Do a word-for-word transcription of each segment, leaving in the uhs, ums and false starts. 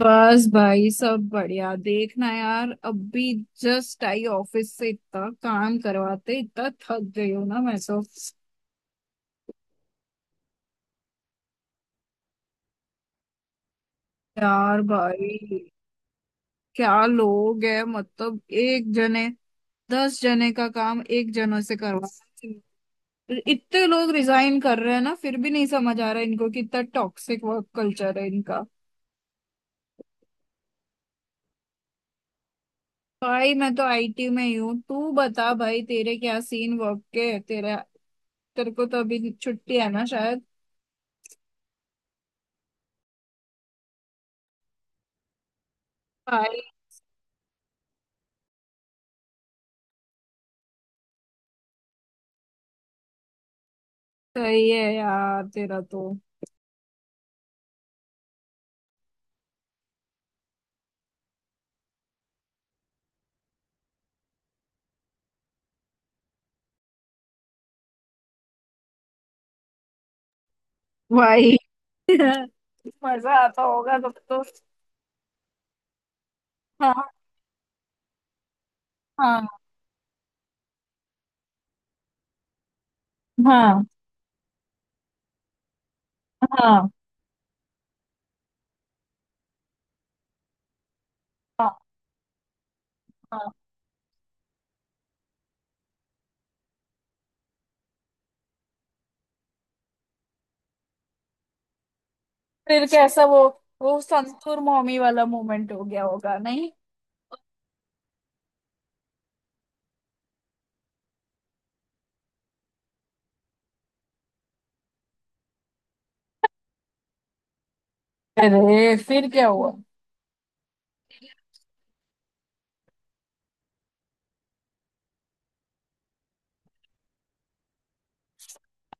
बस भाई, सब बढ़िया। देखना यार, अभी जस्ट आई ऑफिस से, इतना काम करवाते इतना थक गई हूँ ना मैं तो। यार भाई, क्या लोग है, मतलब एक जने दस जने का काम एक जने से करवा रहे हैं। इतने लोग रिजाइन कर रहे हैं ना, फिर भी नहीं समझ आ रहा इनको कि इतना टॉक्सिक वर्क कल्चर है इनका। भाई मैं तो आईटी में ही हूँ। तू बता भाई, तेरे क्या सीन वर्क के? तेरा, तेरे को तो अभी छुट्टी है ना शायद। सही है यार तेरा तो। भाई मजा आता होगा तब तो। हाँ, हाँ, हाँ, हाँ, हाँ, हाँ। फिर कैसा वो? वो संतूर मॉमी वाला मोमेंट हो गया होगा नहीं? अरे फिर क्या हुआ?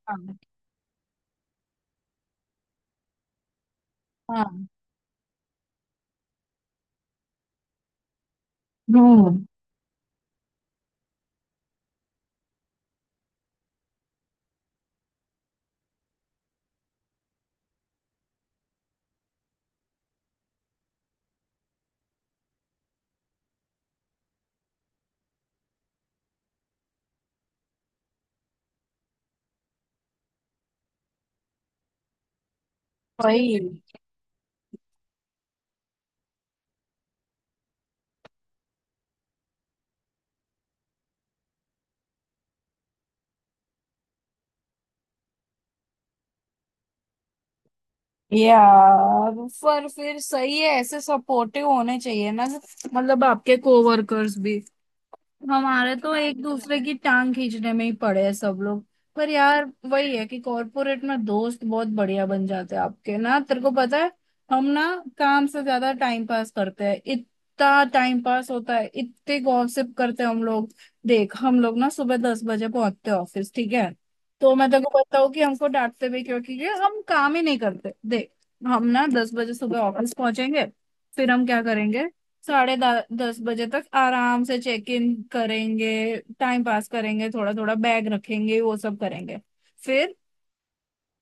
हाँ, हाँ, हम्म, वही। यार, पर फिर सही है, ऐसे सपोर्टिव होने चाहिए ना, मतलब आपके कोवर्कर्स भी। हमारे तो एक दूसरे की टांग खींचने में ही पड़े हैं सब लोग। पर यार वही है कि कॉर्पोरेट में दोस्त बहुत बढ़िया बन जाते हैं आपके ना, तेरे को पता है। हम ना काम से ज्यादा टाइम पास करते हैं, इतना टाइम पास होता है, इतने गॉसिप करते हैं हम लोग। देख, हम लोग ना सुबह दस बजे पहुंचते हैं ऑफिस, ठीक है। तो मैं तेरे को बताऊँ कि हमको डांटते भी क्यों? क्योंकि हम काम ही नहीं करते, देख। हम ना दस बजे सुबह ऑफिस पहुंचेंगे। फिर हम क्या करेंगे? साढ़े दा- दस बजे तक आराम से चेक इन करेंगे, टाइम पास करेंगे, थोड़ा थोड़ा बैग रखेंगे, वो सब करेंगे। फिर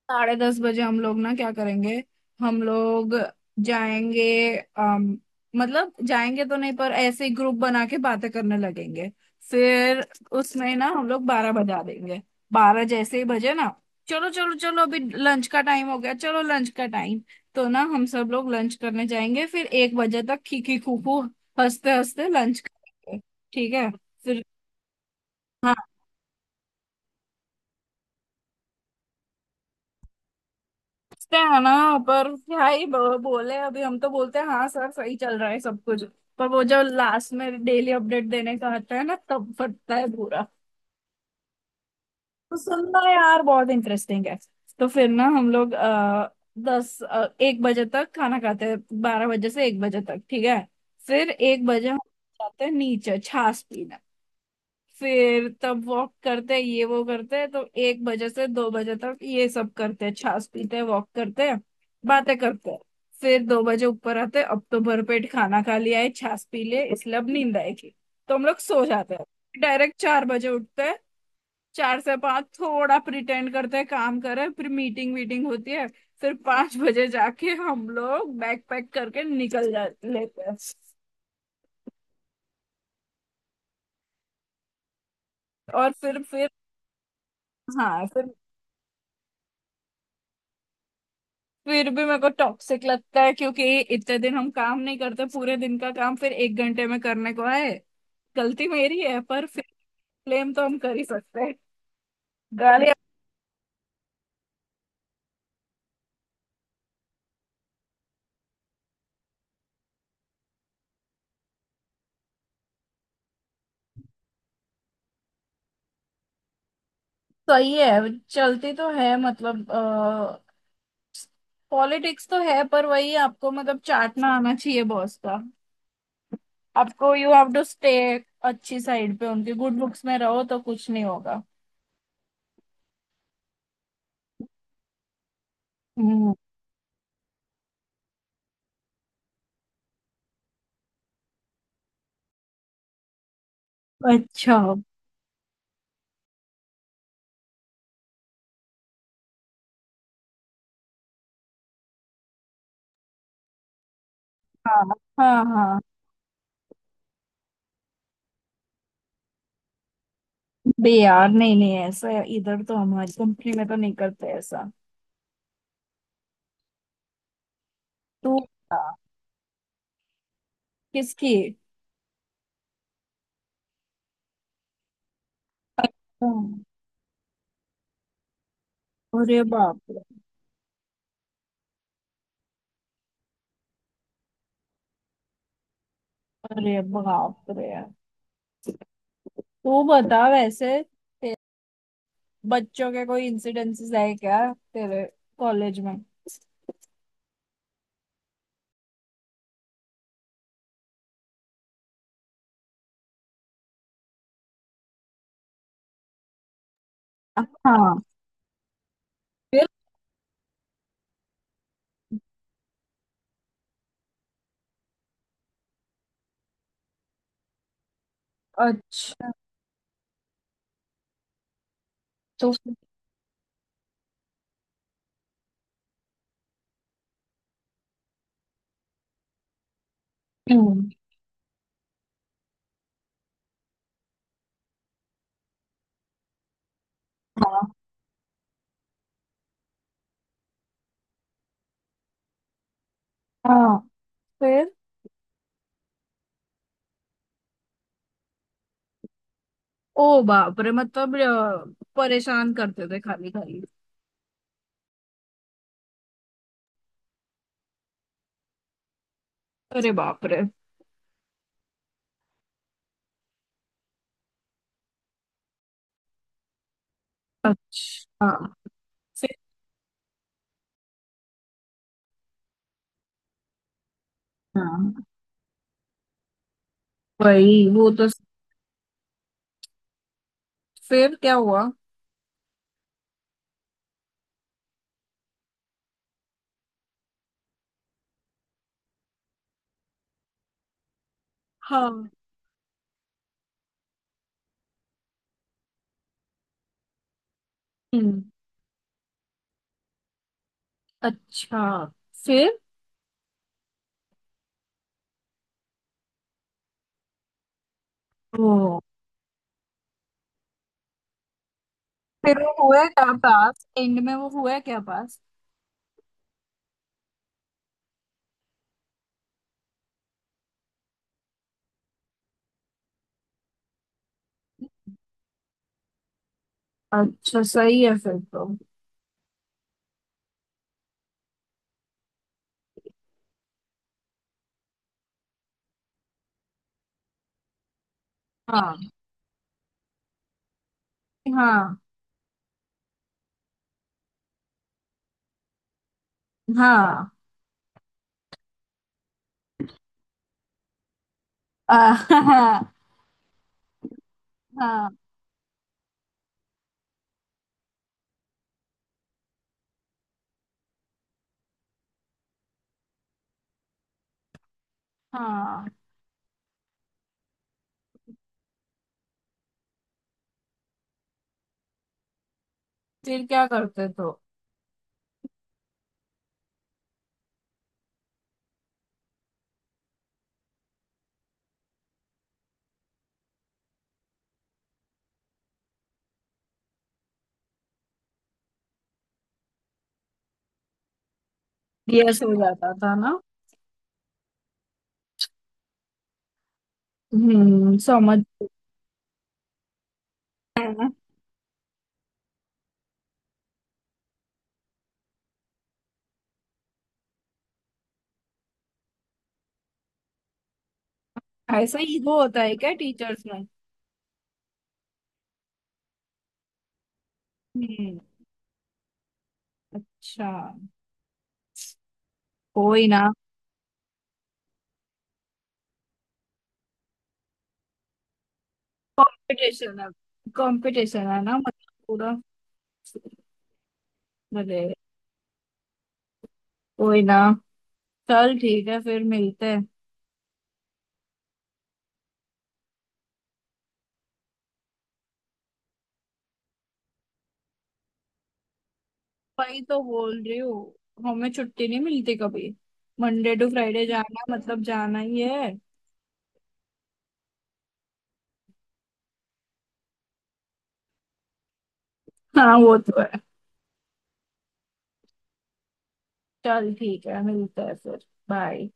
साढ़े दस बजे हम लोग ना क्या करेंगे? हम लोग जाएंगे, अम, मतलब जाएंगे तो नहीं, पर ऐसे ही ग्रुप बना के बातें करने लगेंगे। फिर उसमें ना हम लोग बारह बजा देंगे। बारह जैसे ही बजे ना, चलो चलो चलो, अभी लंच का टाइम हो गया, चलो लंच का टाइम। तो ना हम सब लोग लंच करने जाएंगे, फिर एक बजे तक खीखी खूखू हंसते हंसते लंच करेंगे, ठीक है। फिर सोचते हैं ना, पर क्या ही ब- बोले, अभी हम तो बोलते हैं हाँ सर सही चल रहा है सब कुछ। पर वो जो लास्ट में डेली अपडेट देने का आता है ना, तब फटता है पूरा। तो सुनना यार, बहुत इंटरेस्टिंग है। तो फिर ना हम लोग आ, दस अ, एक बजे तक खाना खाते हैं, बारह बजे से एक बजे तक, ठीक है। फिर एक बजे हम जाते हैं नीचे छाछ पीने, फिर तब वॉक करते हैं, ये वो करते हैं, तो एक बजे से दो बजे तक ये सब करते हैं, छाछ पीते हैं, वॉक करते हैं, बातें करते हैं। फिर दो बजे ऊपर आते हैं, अब तो भरपेट खाना खा लिया है, छाछ पी ले, इसलिए अब नींद आएगी, तो हम लोग सो जाते हैं। डायरेक्ट चार बजे उठते हैं। चार से पाँच थोड़ा प्रिटेंड करते हैं काम करें, फिर मीटिंग वीटिंग होती है। फिर पाँच बजे जाके हम लोग बैग पैक करके निकल जा लेते हैं। और फिर फिर। हाँ फिर फिर भी मेरे को टॉक्सिक लगता है, क्योंकि इतने दिन हम काम नहीं करते, पूरे दिन का काम फिर एक घंटे में करने को है। गलती मेरी है, पर फिर ब्लेम तो हम कर ही सकते हैं। गालियाँ। सही है, चलती तो है, मतलब पॉलिटिक्स तो है, पर वही, आपको मतलब चाटना आना चाहिए बॉस का। आपको यू हैव टू स्टे अच्छी साइड पे उनके, गुड बुक्स में रहो तो कुछ नहीं होगा। हम्म, अच्छा, हाँ, हाँ, हाँ। बे यार, नहीं नहीं, ऐसा इधर तो हमारी कंपनी में तो नहीं करते ऐसा। तू क्या? किसकी? तुम। अरे बाप रे। अरे बाप रे, तू बता वैसे, ते- बच्चों के कोई इंसिडेंसेस है क्या तेरे कॉलेज में? हाँ, फिर? अच्छा। तो हम्म, हाँ, हाँ, फिर? ओ बाप रे, मतलब अ, परेशान करते थे खाली खाली? अरे बाप रे। अच्छा, हाँ, फिर? हाँ वही, वो तो, फिर क्या हुआ? हाँ, हम्म, अच्छा, फिर? ओ। फिर वो हुआ क्या पास? एंड में वो हुआ क्या पास? अच्छा, सही है फिर तो। हाँ, हाँ, हाँ आ, हाँ, हाँ, हाँ, फिर क्या करते तो? यस हो जाता था ना। हम्म, समझ हाँ। ऐसा ईगो होता है क्या टीचर्स में? हम्म, अच्छा, कोई ना। कंपटीशन है, कंपटीशन है ना मतलब पूरा। अरे, कोई ना, चल ठीक है फिर मिलते हैं। वही तो बोल रही हूँ, हमें छुट्टी नहीं मिलती कभी, मंडे टू फ्राइडे जाना मतलब जाना ही है। हाँ, वो तो है। चल ठीक है मिलते हैं फिर। बाय।